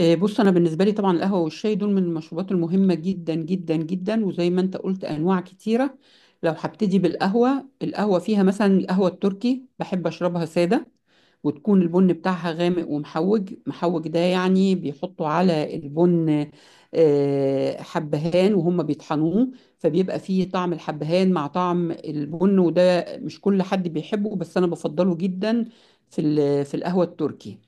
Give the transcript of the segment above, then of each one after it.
بص انا بالنسبه لي طبعا القهوه والشاي دول من المشروبات المهمه جدا جدا جدا وزي ما انت قلت انواع كتيره. لو هبتدي بالقهوه، القهوه فيها مثلا القهوه التركي بحب اشربها ساده وتكون البن بتاعها غامق ومحوج، محوج ده يعني بيحطوا على البن حبهان وهم بيطحنوه، فبيبقى فيه طعم الحبهان مع طعم البن، وده مش كل حد بيحبه بس انا بفضله جدا في القهوه التركي.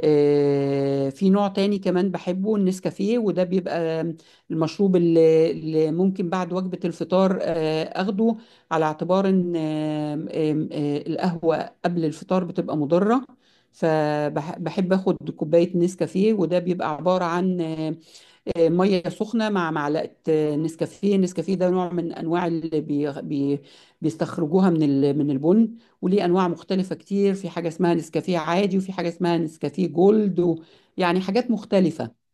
في نوع تاني كمان بحبه، النسكافيه، وده بيبقى المشروب اللي ممكن بعد وجبة الفطار اخده، على اعتبار ان آم، آم، آه، القهوة قبل الفطار بتبقى مضرة. فبحب اخد كوباية نسكافيه، وده بيبقى عبارة عن ميه سخنه مع معلقه نسكافيه. النسكافيه ده نوع من انواع اللي بي بي بيستخرجوها من البن، وليه انواع مختلفه كتير، في حاجه اسمها نسكافيه عادي وفي حاجه اسمها نسكافيه جولد يعني حاجات مختلفه.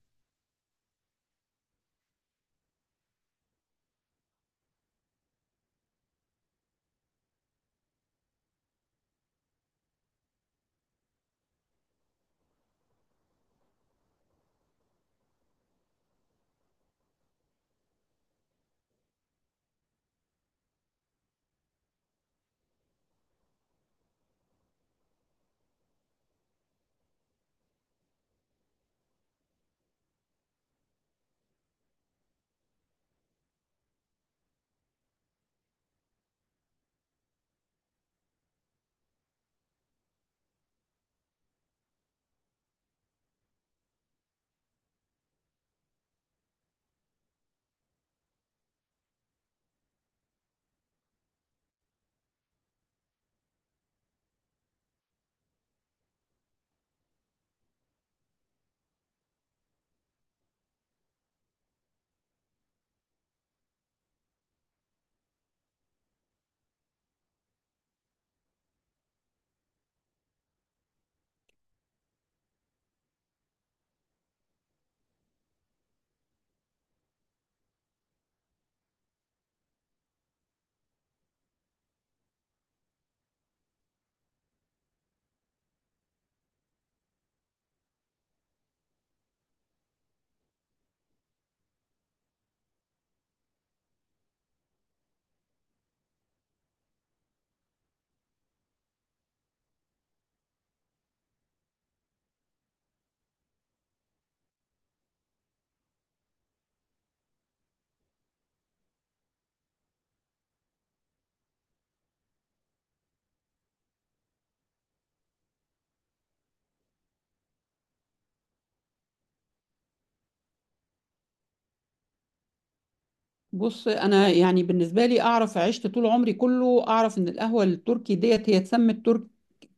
بص انا يعني بالنسبه لي اعرف، عشت طول عمري كله اعرف ان القهوه التركي ديت هي اتسمت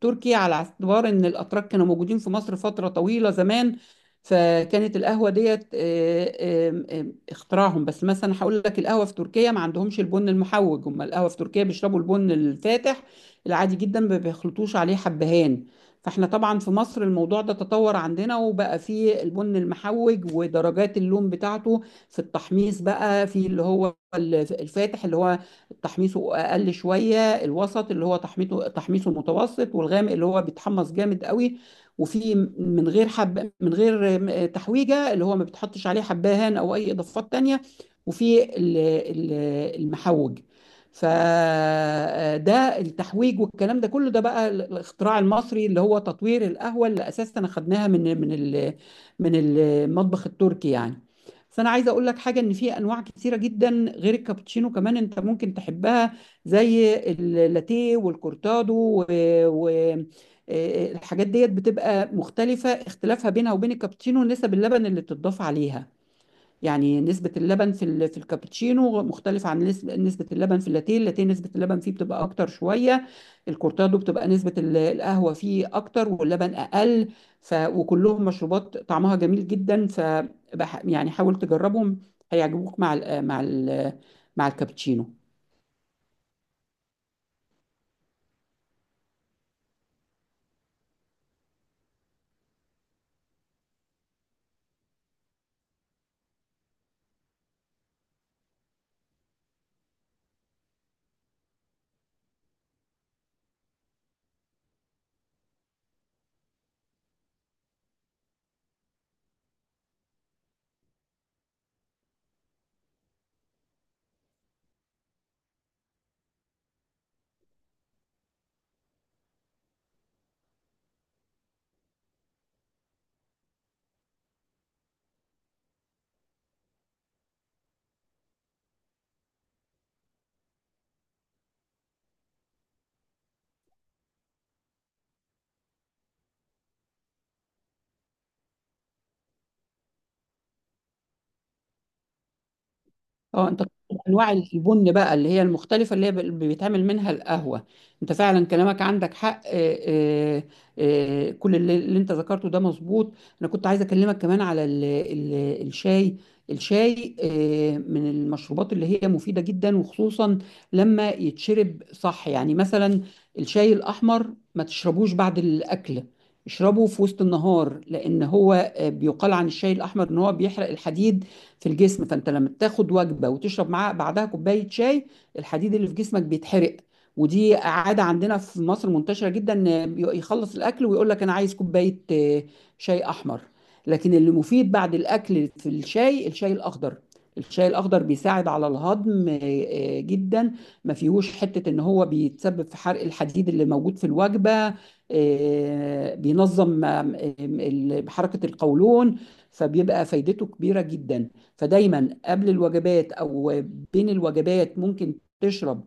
تركي على اعتبار ان الاتراك كانوا موجودين في مصر فتره طويله زمان، فكانت القهوه ديت آه، آم، آم، اختراعهم. بس مثلا هقول لك، القهوه في تركيا ما عندهمش البن المحوج، هم القهوه في تركيا بيشربوا البن الفاتح العادي جدا، ما بيخلطوش عليه حبهان. فاحنا طبعا في مصر الموضوع ده تطور عندنا وبقى فيه البن المحوج ودرجات اللون بتاعته في التحميص، بقى في اللي هو الفاتح اللي هو تحميصه اقل شويه، الوسط اللي هو تحميصه متوسط، والغامق اللي هو بيتحمص جامد قوي. وفي من غير حب، من غير تحويجه، اللي هو ما بتحطش عليه حبهان او اي اضافات تانية، وفي المحوج. فده التحويج والكلام ده كله، ده بقى الاختراع المصري اللي هو تطوير القهوة اللي اساسا اخدناها من من المطبخ التركي يعني. بس انا عايزه اقول لك حاجه، ان في انواع كتيره جدا غير الكابتشينو كمان انت ممكن تحبها، زي اللاتيه والكورتادو و... و... آه، الحاجات ديت بتبقى مختلفه، اختلافها بينها وبين الكابتشينو نسب اللبن اللي بتضاف عليها. يعني نسبة اللبن في الكابتشينو مختلفة عن نسبة اللبن في اللاتيه، اللاتيه نسبة اللبن فيه بتبقى أكتر شوية، الكورتادو بتبقى نسبة القهوة فيه أكتر واللبن أقل. ف وكلهم مشروبات طعمها جميل جدا، ف يعني حاول تجربهم، هيعجبوك مع ال مع ال مع الكابتشينو. اه انت بتقول انواع البن بقى اللي هي المختلفه اللي هي بيتعمل منها القهوه، انت فعلا كلامك عندك حق. كل اللي انت ذكرته ده مظبوط. انا كنت عايزه اكلمك كمان على ال ال الشاي. الشاي من المشروبات اللي هي مفيده جدا، وخصوصا لما يتشرب صح. يعني مثلا الشاي الاحمر ما تشربوش بعد الاكل، اشربه في وسط النهار، لان هو بيقال عن الشاي الاحمر ان هو بيحرق الحديد في الجسم، فانت لما بتاخد وجبه وتشرب معاها بعدها كوبايه شاي، الحديد اللي في جسمك بيتحرق. ودي عاده عندنا في مصر منتشره جدا، إن يخلص الاكل ويقول لك انا عايز كوبايه شاي احمر. لكن اللي مفيد بعد الاكل في الشاي، الشاي الاخضر. الشاي الاخضر بيساعد على الهضم جدا، ما فيهوش حته ان هو بيتسبب في حرق الحديد اللي موجود في الوجبه، بينظم حركه القولون، فبيبقى فايدته كبيره جدا. فدايما قبل الوجبات او بين الوجبات ممكن تشرب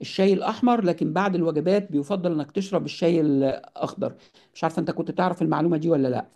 الشاي الاحمر، لكن بعد الوجبات بيفضل انك تشرب الشاي الاخضر. مش عارفه انت كنت تعرف المعلومه دي ولا لا.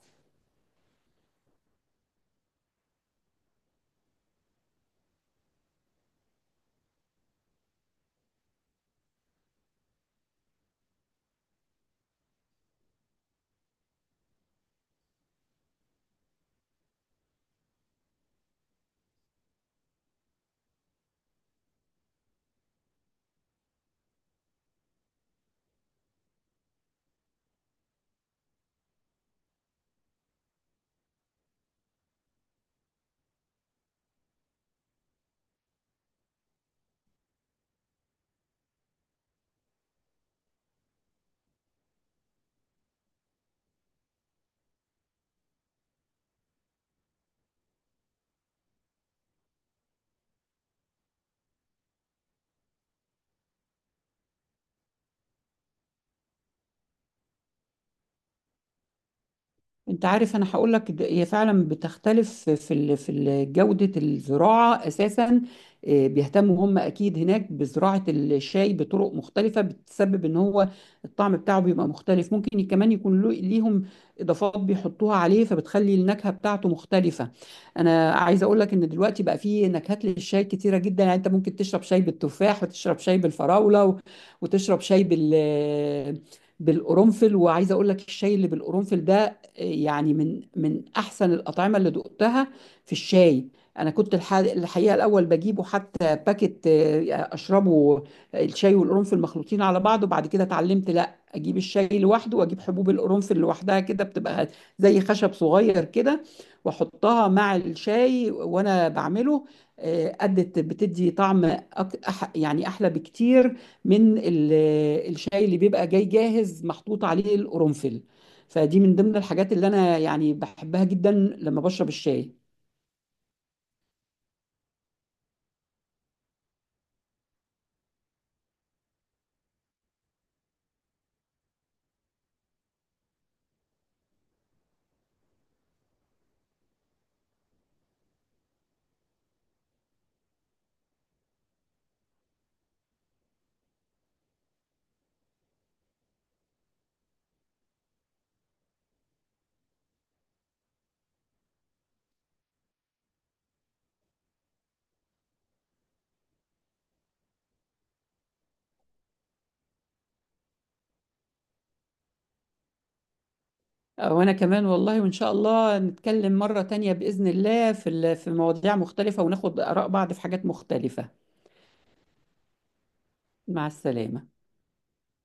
انت عارف، انا هقول لك هي فعلا بتختلف في جودة الزراعة اساسا. بيهتموا هم اكيد هناك بزراعة الشاي بطرق مختلفة، بتسبب ان هو الطعم بتاعه بيبقى مختلف. ممكن كمان يكون ليهم اضافات بيحطوها عليه، فبتخلي النكهة بتاعته مختلفة. انا عايزة اقول لك ان دلوقتي بقى فيه نكهات للشاي كتيرة جدا، يعني انت ممكن تشرب شاي بالتفاح وتشرب شاي بالفراولة وتشرب شاي بالقرنفل. وعايزه اقول لك الشاي اللي بالقرنفل ده يعني من احسن الاطعمه اللي دقتها في الشاي. انا كنت الحقيقه الاول بجيبه حتى باكت اشربه، الشاي والقرنفل مخلوطين على بعض، وبعد كده اتعلمت لا، اجيب الشاي لوحده واجيب حبوب القرنفل لوحدها، كده بتبقى زي خشب صغير كده، واحطها مع الشاي وانا بعمله. ادت، بتدي طعم يعني احلى بكتير من الشاي اللي بيبقى جاي جاهز محطوط عليه القرنفل. فدي من ضمن الحاجات اللي انا يعني بحبها جدا لما بشرب الشاي. وانا كمان، والله وان شاء الله نتكلم مرة تانية بإذن الله في مواضيع مختلفة وناخد آراء بعض في حاجات مختلفة. مع السلامة.